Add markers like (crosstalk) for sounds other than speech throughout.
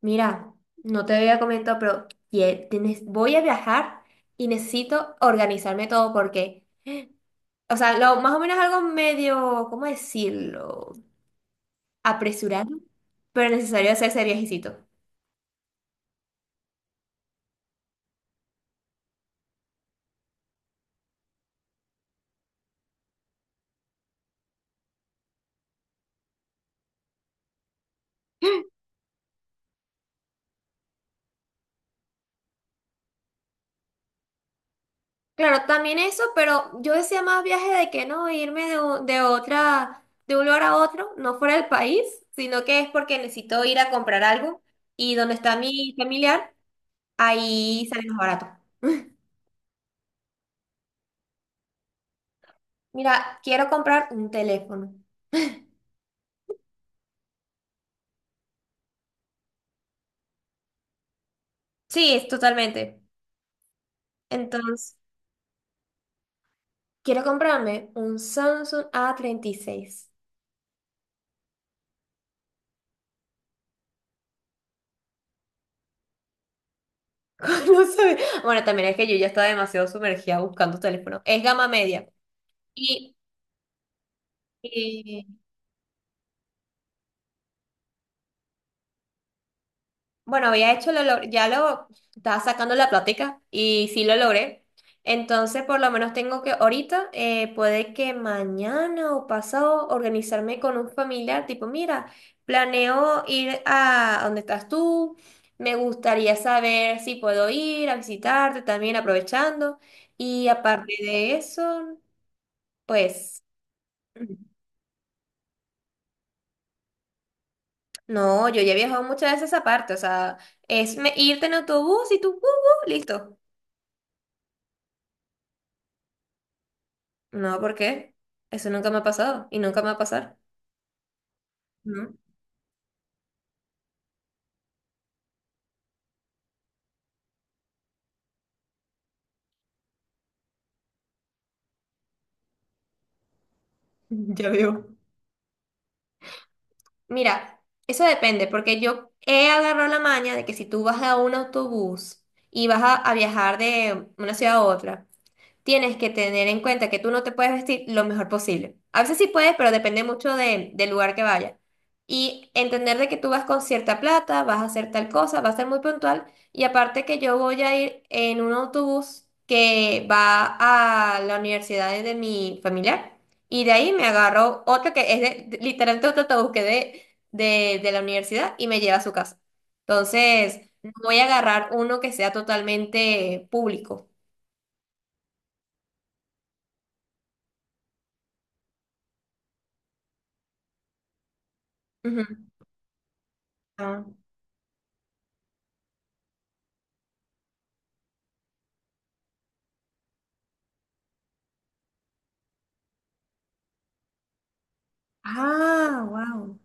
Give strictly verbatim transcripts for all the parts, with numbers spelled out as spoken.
Mira, no te había comentado, pero ye- tienes- voy a viajar y necesito organizarme todo porque, o sea, lo, más o menos algo medio, ¿cómo decirlo? Apresurado, pero necesario hacer ese viajecito. Claro, también eso, pero yo decía más viaje de que no irme de, u- de otra, de un lugar a otro, no fuera del país, sino que es porque necesito ir a comprar algo y donde está mi familiar, ahí sale más barato. Mira, quiero comprar un teléfono. Sí, es totalmente. Entonces, quiero comprarme un Samsung A treinta y seis. (laughs) No sé. Bueno, también es que yo ya estaba demasiado sumergida buscando teléfono. Es gama media. Y, bueno, había hecho, lo, log- ya lo estaba sacando la plática y sí lo logré. Entonces, por lo menos tengo que ahorita, eh, puede que mañana o pasado, organizarme con un familiar, tipo, mira, planeo ir a donde estás tú, me gustaría saber si puedo ir a visitarte también aprovechando. Y aparte de eso, pues, (clears throat) no, yo ya he viajado muchas veces aparte, o sea, es me- irte en autobús y tú, uh, uh, listo. No, ¿por qué? Eso nunca me ha pasado y nunca me va a pasar. ¿No? (laughs) Ya veo. Mira, eso depende, porque yo he agarrado la maña de que si tú vas a un autobús y vas a, a viajar de una ciudad a otra, tienes que tener en cuenta que tú no te puedes vestir lo mejor posible. A veces sí puedes, pero depende mucho de- del lugar que vayas. Y entender de que tú vas con cierta plata, vas a hacer tal cosa, vas a ser muy puntual. Y aparte que yo voy a ir en un autobús que va a la universidad de de mi familiar. Y de ahí me agarro otro que es de- de- literalmente otro autobús que de, de, de la universidad y me lleva a su casa. Entonces, no voy a agarrar uno que sea totalmente público. Ujú. Ah. Ah, wow.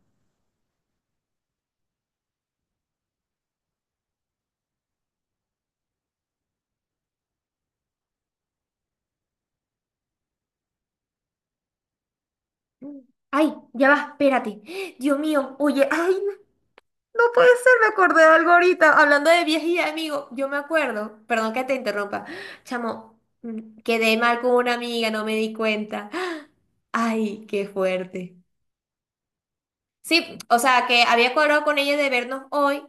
Ay, ya va, espérate. Dios mío, oye, ay, no no puede ser, me acordé de algo ahorita. Hablando de viajes y de amigos, yo me acuerdo, perdón que te interrumpa, chamo, mm, quedé mal con una amiga, no me di cuenta. Ay, qué fuerte. Sí, o sea, que había cuadrado con ella de vernos hoy,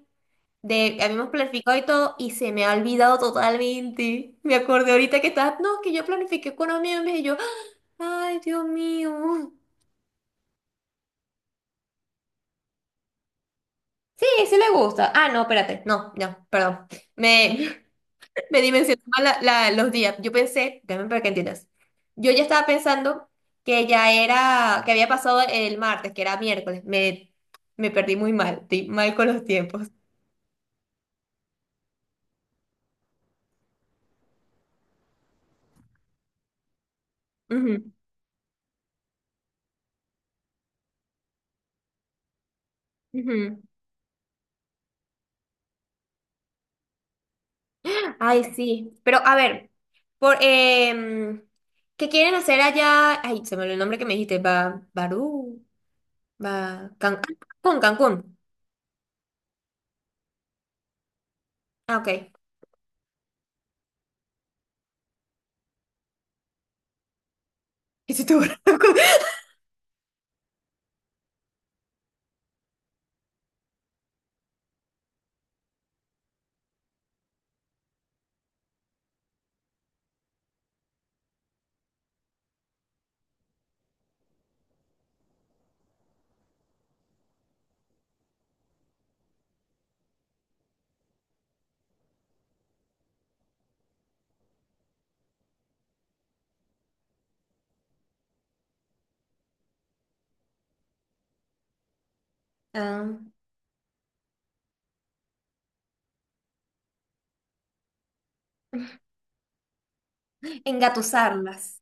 de habíamos planificado y todo, y se me ha olvidado totalmente. Me acordé ahorita que estás, no, que yo planifiqué con amigos y yo, ay, Dios mío. Sí, sí le gusta. Ah, no, espérate. No, no, perdón. Me, (laughs) me dimensioné mal la- la- los días. Yo pensé, déjame para que entiendas. Yo ya estaba pensando que ya era, que había pasado el martes, que era miércoles. Me, me perdí muy mal, estoy mal con los tiempos. Ujú, ujú. Ay, sí. Pero a ver, por, em, ¿qué quieren hacer allá? Ay, se me olvidó el nombre que me dijiste. Ba, Barú, Ba, Can- Cancún, Cancún. Ah, ok. ¿Qué hiciste? (laughs) ¿Barú? Ah. Engatusarlas.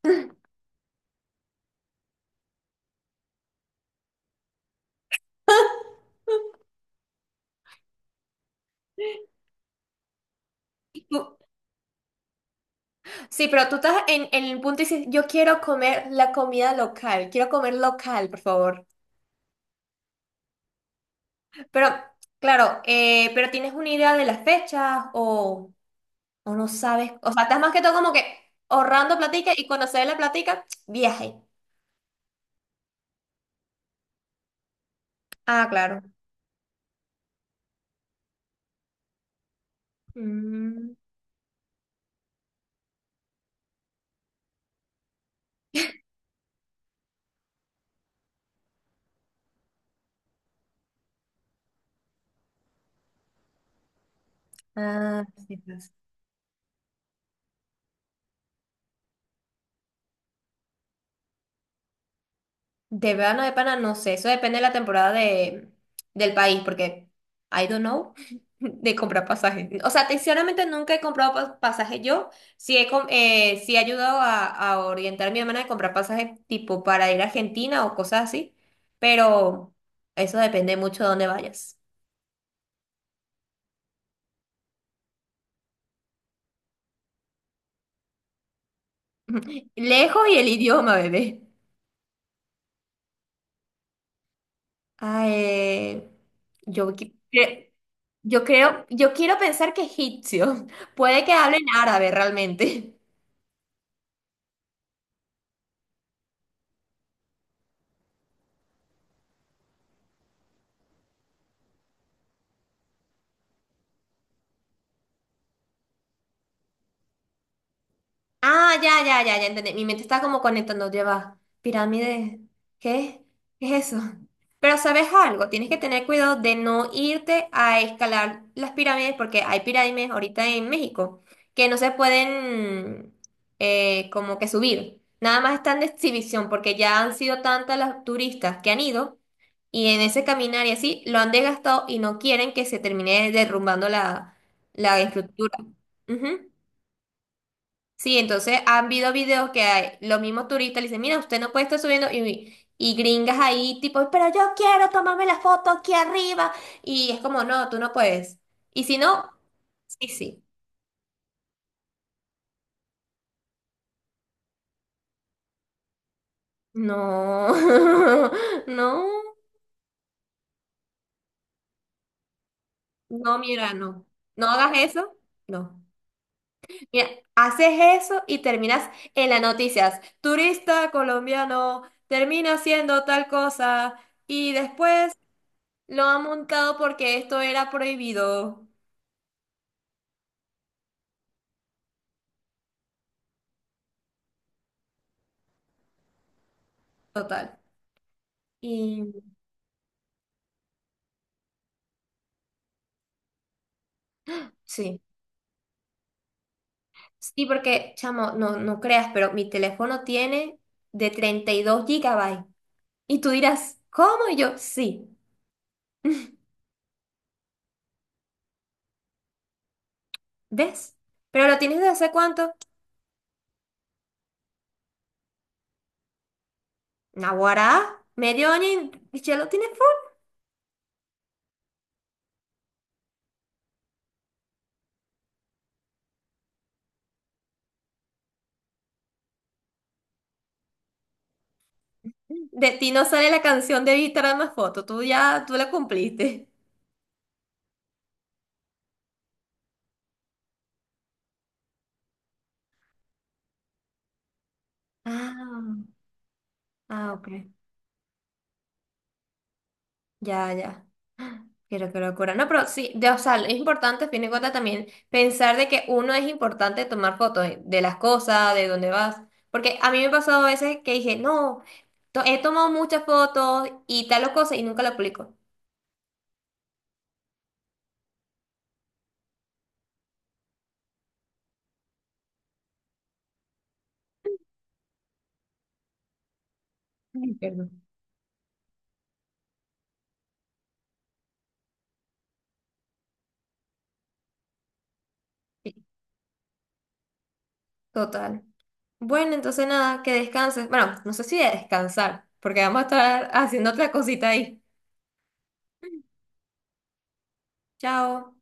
(laughs) Tú- Sí, pero tú estás en, en el punto y dices, yo quiero comer la comida local, quiero comer local, por favor. Pero, claro, eh, pero tienes una idea de las fechas o, o no sabes, o sea, estás más que todo como que ahorrando platica y cuando se dé la platica, (tsk) viaje. Ah, claro. Mm, ah, sí, pues. De verano de pana, no sé. Eso depende de la temporada de, del país, porque I don't know (laughs) de comprar pasajes. O sea, sinceramente nunca he comprado pas- pasajes yo. Sí he, com- eh, sí he ayudado a, a orientar a mi hermana de comprar pasajes tipo para ir a Argentina o cosas así. Pero eso depende mucho de dónde vayas. (laughs) Lejos y el idioma, bebé. Ah, eh, yo, qui- cre- yo creo, yo quiero pensar que egipcio. (laughs) Puede que hablen árabe realmente. Ah, ya, ya, ya, ya entendí. Mi mente está como conectando, lleva pirámides. ¿Qué? ¿Qué es eso? Pero sabes algo, tienes que tener cuidado de no irte a escalar las pirámides porque hay pirámides ahorita en México que no se pueden eh, como que subir. Nada más están de exhibición porque ya han sido tantas las turistas que han ido y en ese caminar y así lo han desgastado y no quieren que se termine derrumbando la, la estructura. Ujú. Sí, entonces han habido videos que hay, los mismos turistas le dicen, mira, usted no puede estar subiendo y, y gringas ahí tipo, pero yo quiero tomarme la foto aquí arriba. Y es como, no, tú no puedes. Y si no, sí, sí. No, (laughs) no, no, mira, no. No hagas eso, no. Mira, haces eso y terminas en las noticias. Turista colombiano termina haciendo tal cosa y después lo ha montado porque esto era prohibido. Total. Y sí, sí, porque, chamo, no, no creas, pero mi teléfono tiene de treinta y dos gigabytes. Y tú dirás, ¿cómo? Y yo, sí. (laughs) ¿Ves? Pero ¿lo tienes desde hace cuánto? Naguará, medio año y ya lo tienes full. De ti no sale la canción de Víctor más foto, tú ya, tú la cumpliste. Ah, ah, ok. Ya, ya. Pero qué locura. No, pero sí, de, o sea, es importante, a fin de cuentas, también pensar de que uno es importante tomar fotos de de las cosas, de dónde vas. Porque a mí me ha pasado a veces que dije, no, to- he tomado muchas fotos y tal o cosa y nunca la publico. Ay, perdón. Sí, total. Bueno, entonces nada, que descanses. Bueno, no sé si de descansar, porque vamos a estar (laughs) haciendo otra cosita ahí. Chao.